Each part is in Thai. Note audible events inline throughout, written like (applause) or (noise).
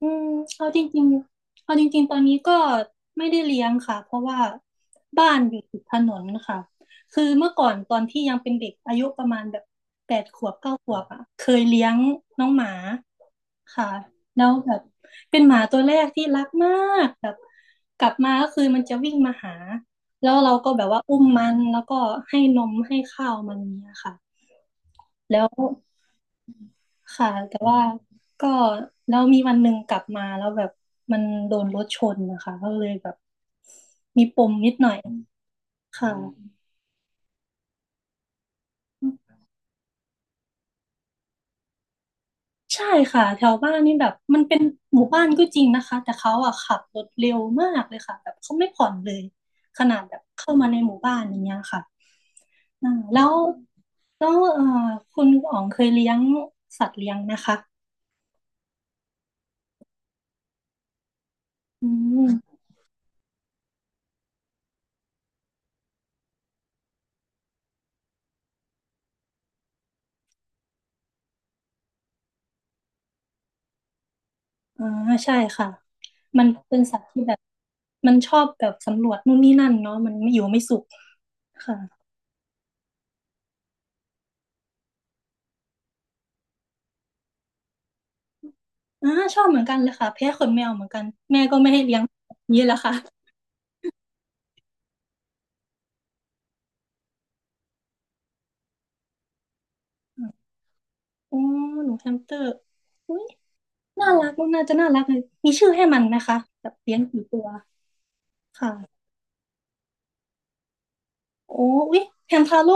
อืมเอาจริงๆเอาจริงๆตอนนี้ก็ไม่ได้เลี้ยงค่ะเพราะว่าบ้านอยู่ติดถนนค่ะคือเมื่อก่อนตอนที่ยังเป็นเด็กอายุประมาณแบบแปดขวบเก้าขวบอ่ะเคยเลี้ยงน้องหมาค่ะแล้วแบบเป็นหมาตัวแรกที่รักมากแบบกลับมาก็คือมันจะวิ่งมาหาแล้วเราก็แบบว่าอุ้มมันแล้วก็ให้นมให้ข้าวมันเนี่ยค่ะแล้ว ค่ะแต่ว่าก็แล้วมีวันหนึ่งกลับมาแล้วแบบมันโดนรถชนนะคะก็เลยแบบมีปมนิดหน่อยค่ะใช่ค่ะแถวบ้านนี่แบบมันเป็นหมู่บ้านก็จริงนะคะแต่เขาอะขับรถเร็วมากเลยค่ะแบบเขาไม่ผ่อนเลยขนาดแบบเข้ามาในหมู่บ้านอย่างเงี้ยค่ะอ่าแล้วแล้วคุณอ๋องเคยเลี้ยงสัตว์เลี้ยงนะคะอืม อ่าใช่ค่ะมันเป็นสัตว์ที่แบบมันชอบแบบสำรวจนู่นนี่นั่นเนาะมันไม่อยู่ไม่สุขค่ะอ่าชอบเหมือนกันเลยค่ะแพ้ขนแมวเหมือนกันแม่ก็ไม่ให้เลี้ยงนี่แหละค่ะอ๋อหนูแฮมสเตอร์อุ้ยน่ารักน่าจะน่ารักเลยมีชื่อให้มันไหมคะแบบเลี้ยงกี่ตัวค่ะโอ้อุ้ยแฮมทาโร่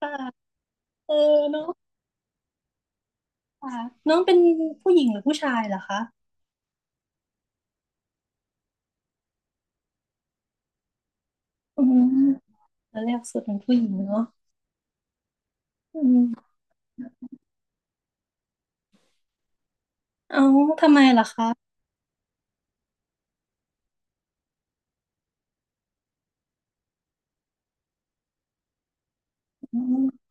ค่ะเออเน้องค่ะน้องเป็นผู้หญิงหรือผู้ชายเหรอคะอืมตอนแรกสุดเป็นผู้หญิงเนาะอืมเอาทำไมล่ะคะ อืม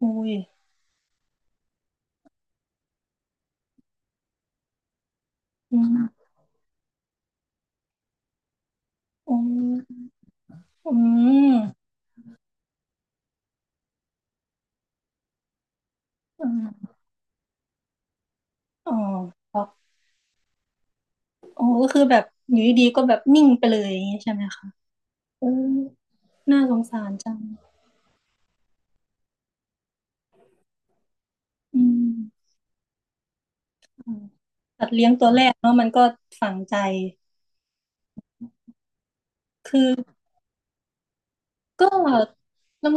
อุ้ยอืมอืมอืมอืมอ๋อครับอ๋อก็คือแบบอยู่ดีๆก็แบบนิ่งไปเลยอย่างนี้ใช่ไหมคะเออน่าสงสารจังอืมอืมสัตว์เลี้ยงตัวแรกเนาะมันก็ฝังใจคือ ก็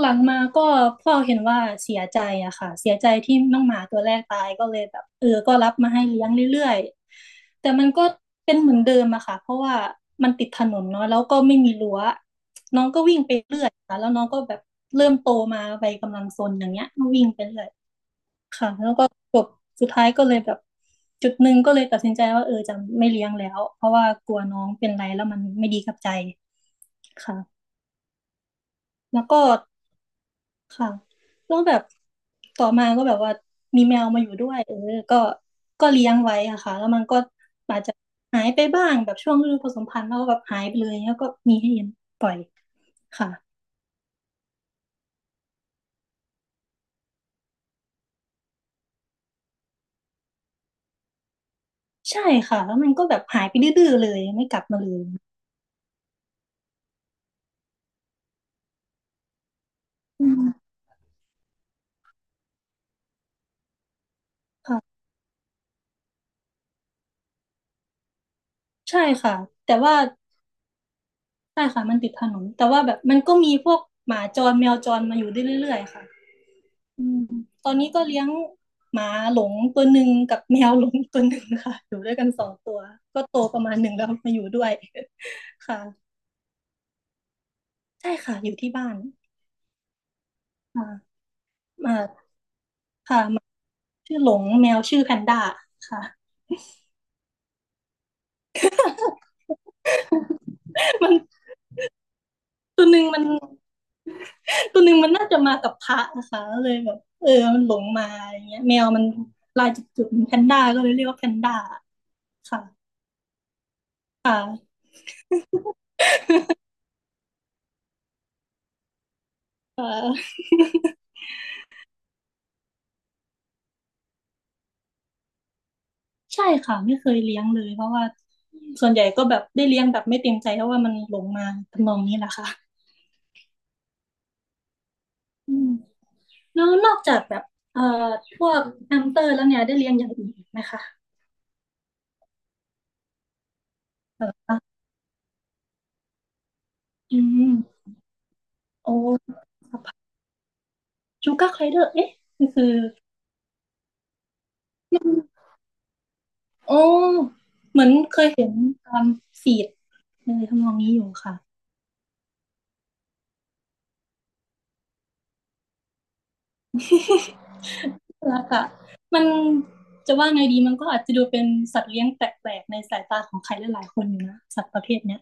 หลังๆมาก็พ่อเห็นว่าเสียใจอะค่ะเสียใจที่น้องหมาตัวแรกตายก็เลยแบบเออก็รับมาให้เลี้ยงเรื่อยๆแต่มันก็เป็นเหมือนเดิมอะค่ะเพราะว่ามันติดถนนเนาะแล้วก็ไม่มีรั้วน้องก็วิ่งไปเรื่อยค่ะแล้วน้องก็แบบเริ่มโตมาไปกำลังซนอย่างเงี้ยก็วิ่งไปเรื่อยค่ะแล้วก็จบสุดท้ายก็เลยแบบจุดหนึ่งก็เลยตัดสินใจว่าเออจะไม่เลี้ยงแล้วเพราะว่ากลัวน้องเป็นไรแล้วมันไม่ดีกับใจค่ะแล้วก็ ค่ะแล้วแบบต่อมาก็แบบว่ามีแมวมาอยู่ด้วยเออก็ก็เลี้ยงไว้อะค่ะแล้วมันก็อาจจะหายไปบ้างแบบช่วงฤดูผสมพันธุ์แล้วก็แบบหายไปเลยแล้วก็มีให้เห็นปล่อยค่ะใช่ค่ะแล้วมันก็แบบหายไปดื้อๆเลยไม่กลับมาเลยอืมค่ะใช่ค่ะแต่ว่าใช่ค่ะมันติดถนนแต่ว่าแบบมันก็มีพวกหมาจรแมวจรมาอยู่ได้เรื่อยๆค่ะ อืมตอนนี้ก็เลี้ยงหมาหลงตัวหนึ่งกับแมวหลงตัวหนึ่งค่ะ (laughs) อยู่ด้วยกันสองตัวก็โตประมาณหนึ่งแล้วมาอยู่ด้วย (laughs) ค่ะใช่ค่ะอยู่ที่บ้านค่ะมาชื่อหลงแมวชื่อแพนด้าค่ะ (laughs) มันตัวหนึ่งมันตัวหนึ่งมันน่าจะมากับพระนะคะเลยแบบเออมันหลงมาอย่างเงี้ยแมวมันลายจุดๆเหมือนแพนด้าก็เลยเรียกว่าแพนด้าค่ะค่ะเออ ใช่ค่ะไม่เคยเลี้ยงเลยเพราะว่าส่วนใหญ่ก็แบบได้เลี้ยงแบบไม่เต็มใจเพราะว่ามันหลงมาทำนองนี้แหละค่ะอืมแล้วนอกจากแบบเอ่อพวกแฮมสเตอร์แล้วเนี่ยได้เลี้ยงอย่างอื่นอีกไหมคะเอออืมโอ้ชูกาไคเดอร์เอ๊ะก็คือโอ้เหมือนเคยเห็นตามฟีดในทำนองนี้อยู่ค่ะ (laughs) แล้วก็มันจะว่าไงดีมันก็อาจจะดูเป็นสัตว์เลี้ยงแปลกๆในสายตาของใครหลายๆคนอยู่นะสัตว์ประเภทเนี้ย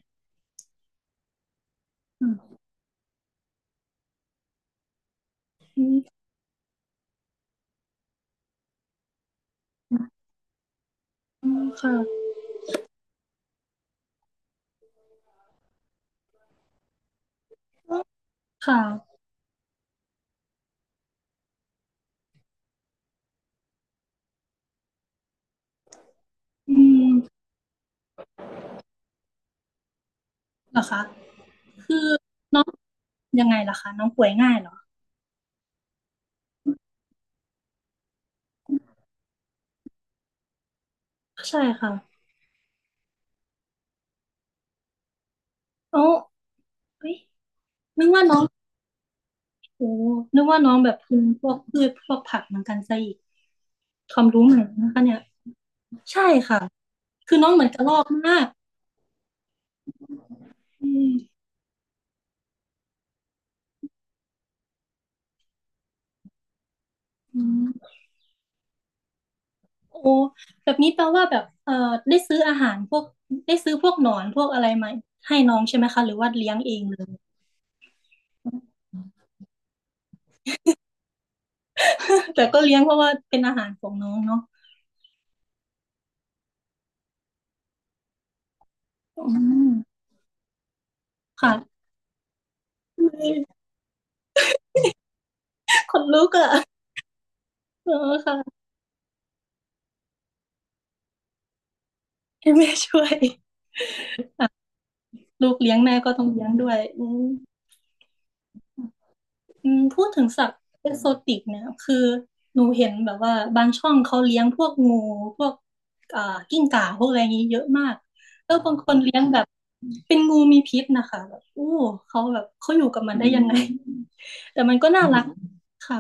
อืมอืมค่ะค่ะอืมเหรอคะคือน้องยังไงล่ะคะน้องป่วยง่ายเหรอใช่ค่ะเอ้เฮ้ยนึกว่าน้อง โอ้นึกว่าน้องแบบกินพวกพืชพวกผักเหมือนกันซะอีกความรู้ใหม่นะคะเนี่ยใช่ค่ะ คือน้องเหมือนกระรอกมากอืมอืมโอ้แบบนี้แปลว่าแบบได้ซื้ออาหารพวกได้ซื้อพวกหนอนพวกอะไรมาให้น้องใช่ไหมคะหรือว่าเลี้ยงเองเลย (laughs) แต่ก็เลี้ยงเพราะว่าเป็นอาหารของน้องเนาะอืมค่ะ คนลุกอ่ะเออค่ะให้แม่ช่วยค่ะลูกเลี้ยงแม่ก็ต้องเลี้ยงด้วยอืมอืมพูดถึงสัตว์เอกโซติกเนี่ยคือหนูเห็นแบบว่าบางช่องเขาเลี้ยงพวกงูพวกอ่ากิ้งก่าพวกอะไรอย่างนี้เยอะมากแล้วบางคนเลี้ยงแบบเป็นงูมีพิษนะคะแบบอู้เขาอยู่กับมันได้ยังไงแต่มันก็น่ารักค่ะ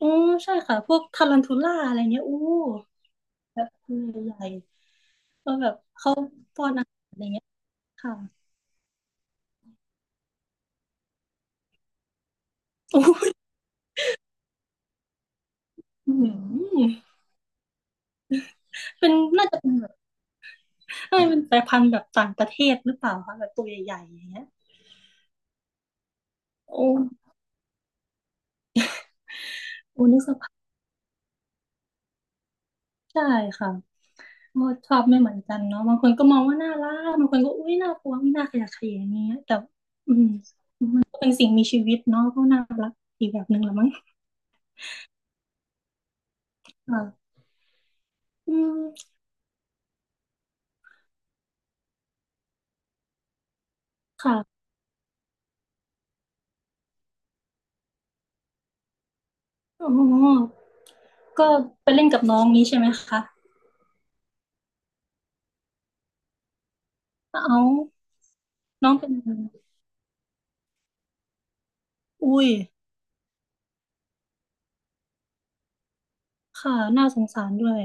อือใช่ค่ะพวกทารันทูล่าอะไรเงี้ยอู้แบบตัวใหญ่ก็แบบเข้าอะไรเงี้ยค่ะอู้หือเป็นน่าจะเป็นแบบน่าจะเป็นสายพันธุ์แบบต่างประเทศหรือเปล่าคะแบบตัวใหญ่ๆอย่างเงี้ยโอ้โอ้นึกสภาพใช่ค่ะก็ชอบไม่เหมือนกันเนาะบางคนก็มองว่าน่ารักบางคนก็อุ้ยน่ากลัวอุ๊ยน่าขยะแขยงอย่างเงี้ยแต่อืมก็เป็นสิ่งมีชีวิตเนาะก็น่ารักอีกแบบหนึ่งละมั้งค่ะอืมค่ะ อ๋อก็ไปเล่นกับน้องนี้ใช่ไหมคะเอาน้องเป็นอุ้ยค่ะน่าสงสารด้วย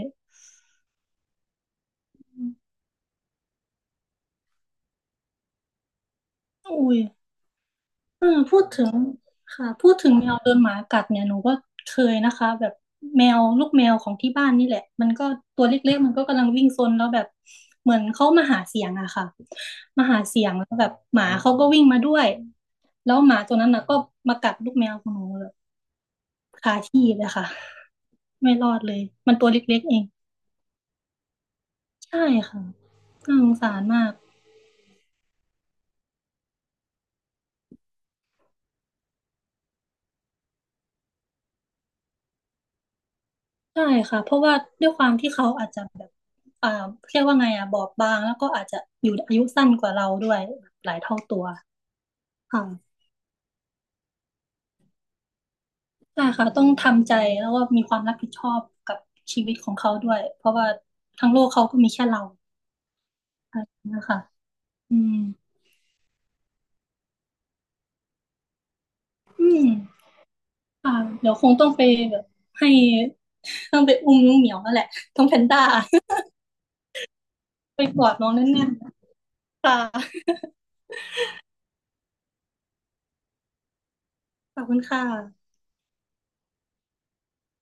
อุ้ยเออพูดถึงค่ะพูดถึงแมวโดนหมากัดเนี่ยหนูก็เคยนะคะแบบแมวลูกแมวของที่บ้านนี่แหละมันก็ตัวเล็กๆมันก็กำลังวิ่งซนแล้วแบบเหมือนเขามาหาเสียงอะค่ะมาหาเสียงแล้วแบบหมาเขาก็วิ่งมาด้วยแล้วหมาตัวนั้นน่ะก็มากัดลูกแมวของหนูแบบคาที่เลยค่ะ ไม่รอดเลย มันตัวเล็กๆเองใช่ค่ะน่าสงสารมาก ใช่ค่ะ เพราะว่าด้วยความที่เขาอาจจะแบบอ่าเรียกว่าไงอ่ะบอบบางแล้วก็อาจจะอยู่อายุสั้นกว่าเราด้วยแบบหลายเท่าตัวค่ะใช่ค่ะต้องทำใจแล้วก็มีความรับผิดชอบกับชีวิตของเขาด้วย เพราะว่าทั้งโลกเขาก็มีแค่เราอะ่คะอืมอืมค่ะเดี๋ยวคงต้องไปแบบให้ต้องไปอุ้มน้องเหมียวแล้วแหละ ต้องแพนด้า (laughs) ไปกอดน้องแน่นๆค่ะ ขอบคุณค่ะ